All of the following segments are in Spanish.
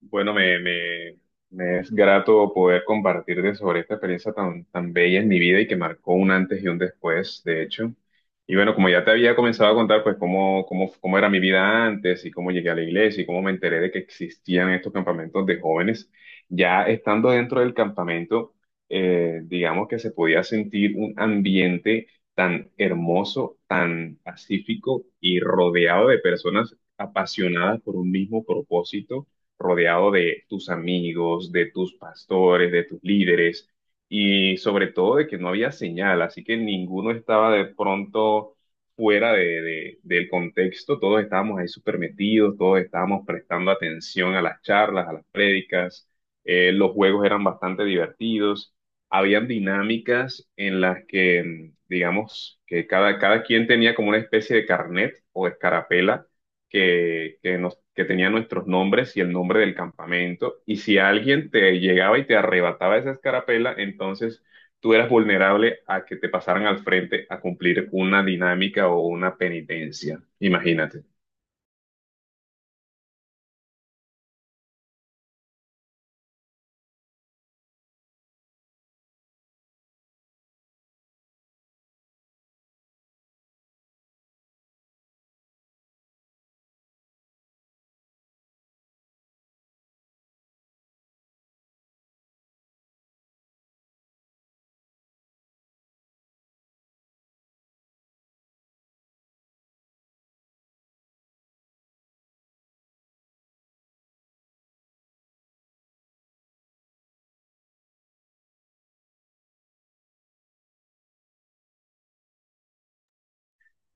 Bueno, me es grato poder compartirte sobre esta experiencia tan bella en mi vida y que marcó un antes y un después, de hecho. Y bueno, como ya te había comenzado a contar, pues cómo era mi vida antes y cómo llegué a la iglesia y cómo me enteré de que existían estos campamentos de jóvenes, ya estando dentro del campamento, digamos que se podía sentir un ambiente tan hermoso, tan pacífico y rodeado de personas apasionadas por un mismo propósito, rodeado de tus amigos, de tus pastores, de tus líderes y sobre todo de que no había señal, así que ninguno estaba de pronto fuera del contexto. Todos estábamos ahí súper metidos, todos estábamos prestando atención a las charlas, a las prédicas. Los juegos eran bastante divertidos, habían dinámicas en las que, digamos, que cada quien tenía como una especie de carnet o escarapela que tenía nuestros nombres y el nombre del campamento. Y si alguien te llegaba y te arrebataba esa escarapela, entonces tú eras vulnerable a que te pasaran al frente a cumplir una dinámica o una penitencia. Imagínate.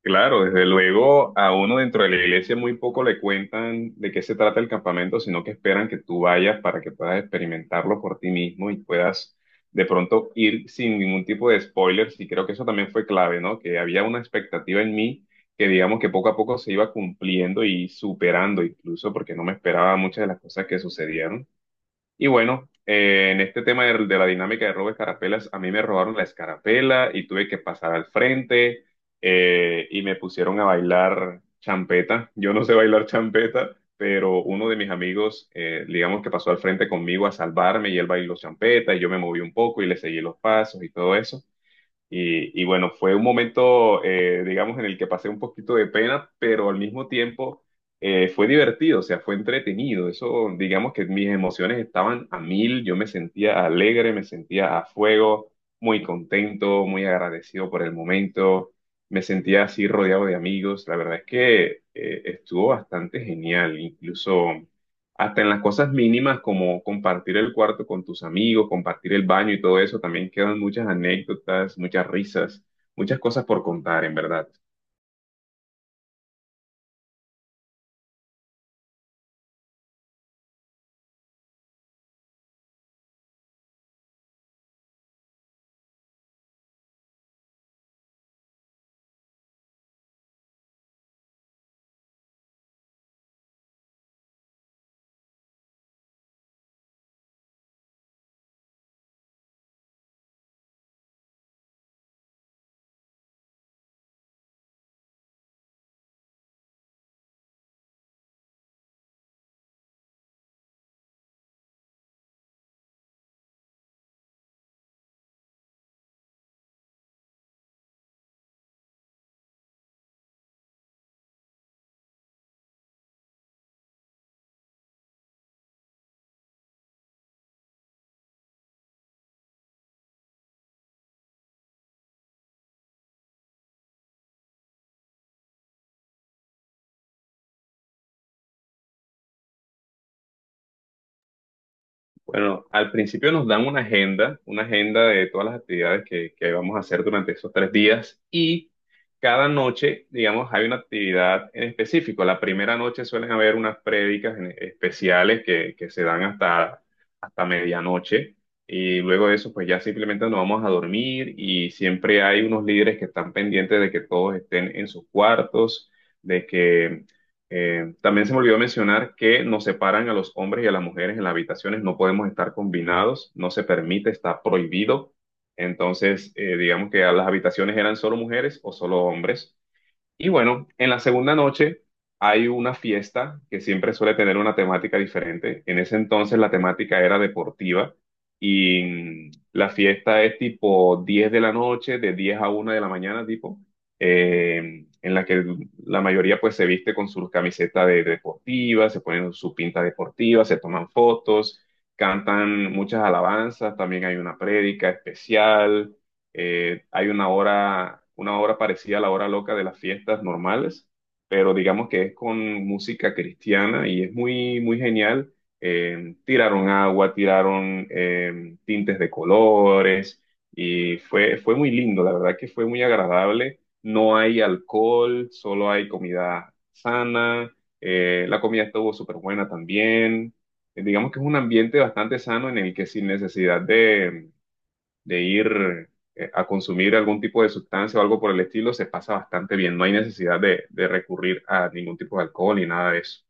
Claro, desde luego a uno dentro de la iglesia muy poco le cuentan de qué se trata el campamento, sino que esperan que tú vayas para que puedas experimentarlo por ti mismo y puedas de pronto ir sin ningún tipo de spoilers. Y creo que eso también fue clave, ¿no? Que había una expectativa en mí que digamos que poco a poco se iba cumpliendo y superando, incluso porque no me esperaba muchas de las cosas que sucedieron. Y bueno, en este tema de la dinámica de robo de escarapelas, a mí me robaron la escarapela y tuve que pasar al frente, y me pusieron a bailar champeta. Yo no sé bailar champeta, pero uno de mis amigos, digamos que pasó al frente conmigo a salvarme, y él bailó champeta y yo me moví un poco y le seguí los pasos y todo eso. Y bueno, fue un momento, digamos, en el que pasé un poquito de pena, pero al mismo tiempo fue divertido, o sea, fue entretenido. Eso, digamos que mis emociones estaban a mil, yo me sentía alegre, me sentía a fuego, muy contento, muy agradecido por el momento, me sentía así rodeado de amigos. La verdad es que estuvo bastante genial, incluso hasta en las cosas mínimas como compartir el cuarto con tus amigos, compartir el baño y todo eso, también quedan muchas anécdotas, muchas risas, muchas cosas por contar, en verdad. Bueno, al principio nos dan una agenda de todas las actividades que vamos a hacer durante esos 3 días, y cada noche, digamos, hay una actividad en específico. La primera noche suelen haber unas prédicas especiales que se dan hasta, hasta medianoche, y luego de eso, pues ya simplemente nos vamos a dormir, y siempre hay unos líderes que están pendientes de que todos estén en sus cuartos. También se me olvidó mencionar que nos separan a los hombres y a las mujeres en las habitaciones, no podemos estar combinados, no se permite, está prohibido. Entonces, digamos que a las habitaciones eran solo mujeres o solo hombres. Y bueno, en la segunda noche hay una fiesta que siempre suele tener una temática diferente. En ese entonces la temática era deportiva, y la fiesta es tipo 10 de la noche, de 10 a 1 de la mañana, tipo, en la que la mayoría pues se viste con sus camisetas de, deportivas, se ponen su pinta deportiva, se toman fotos, cantan muchas alabanzas, también hay una prédica especial. Hay una hora parecida a la hora loca de las fiestas normales, pero digamos que es con música cristiana y es muy, muy genial. Tiraron agua, tiraron tintes de colores, y fue, fue muy lindo, la verdad que fue muy agradable. No hay alcohol, solo hay comida sana. La comida estuvo súper buena también. Digamos que es un ambiente bastante sano en el que sin necesidad de ir a consumir algún tipo de sustancia o algo por el estilo, se pasa bastante bien. No hay necesidad de recurrir a ningún tipo de alcohol ni nada de eso.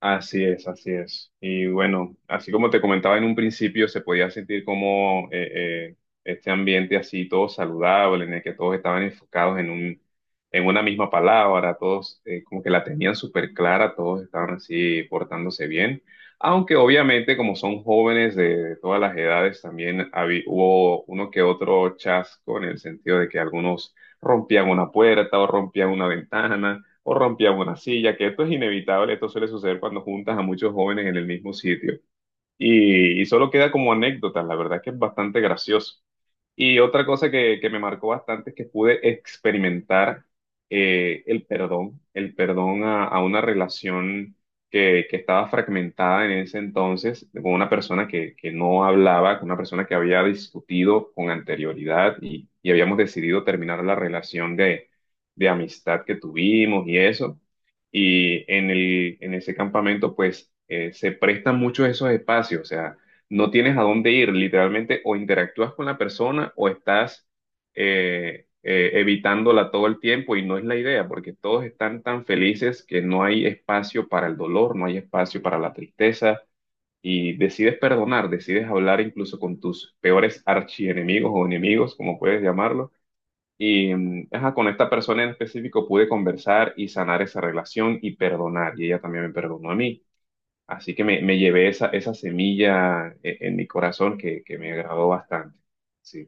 Así es, así es. Y bueno, así como te comentaba en un principio, se podía sentir como este ambiente así todo saludable, en el que todos estaban enfocados en una misma palabra, todos como que la tenían súper clara, todos estaban así portándose bien. Aunque obviamente como son jóvenes de todas las edades, también hubo uno que otro chasco en el sentido de que algunos rompían una puerta o rompían una ventana o rompían una silla, que esto es inevitable, esto suele suceder cuando juntas a muchos jóvenes en el mismo sitio. Y solo queda como anécdota, la verdad que es bastante gracioso. Y otra cosa que me marcó bastante es que pude experimentar el perdón a una relación que estaba fragmentada en ese entonces, con una persona que no hablaba, con una persona que había discutido con anterioridad, y habíamos decidido terminar la relación de amistad que tuvimos y eso. Y en ese campamento, pues, se prestan muchos esos espacios, o sea, no tienes a dónde ir, literalmente, o interactúas con la persona o estás evitándola todo el tiempo, y no es la idea, porque todos están tan felices que no hay espacio para el dolor, no hay espacio para la tristeza, y decides perdonar, decides hablar incluso con tus peores archienemigos o enemigos, como puedes llamarlo. Y ajá, con esta persona en específico pude conversar y sanar esa relación y perdonar, y ella también me perdonó a mí. Así que me llevé esa, esa semilla en mi corazón que me agradó bastante. Sí.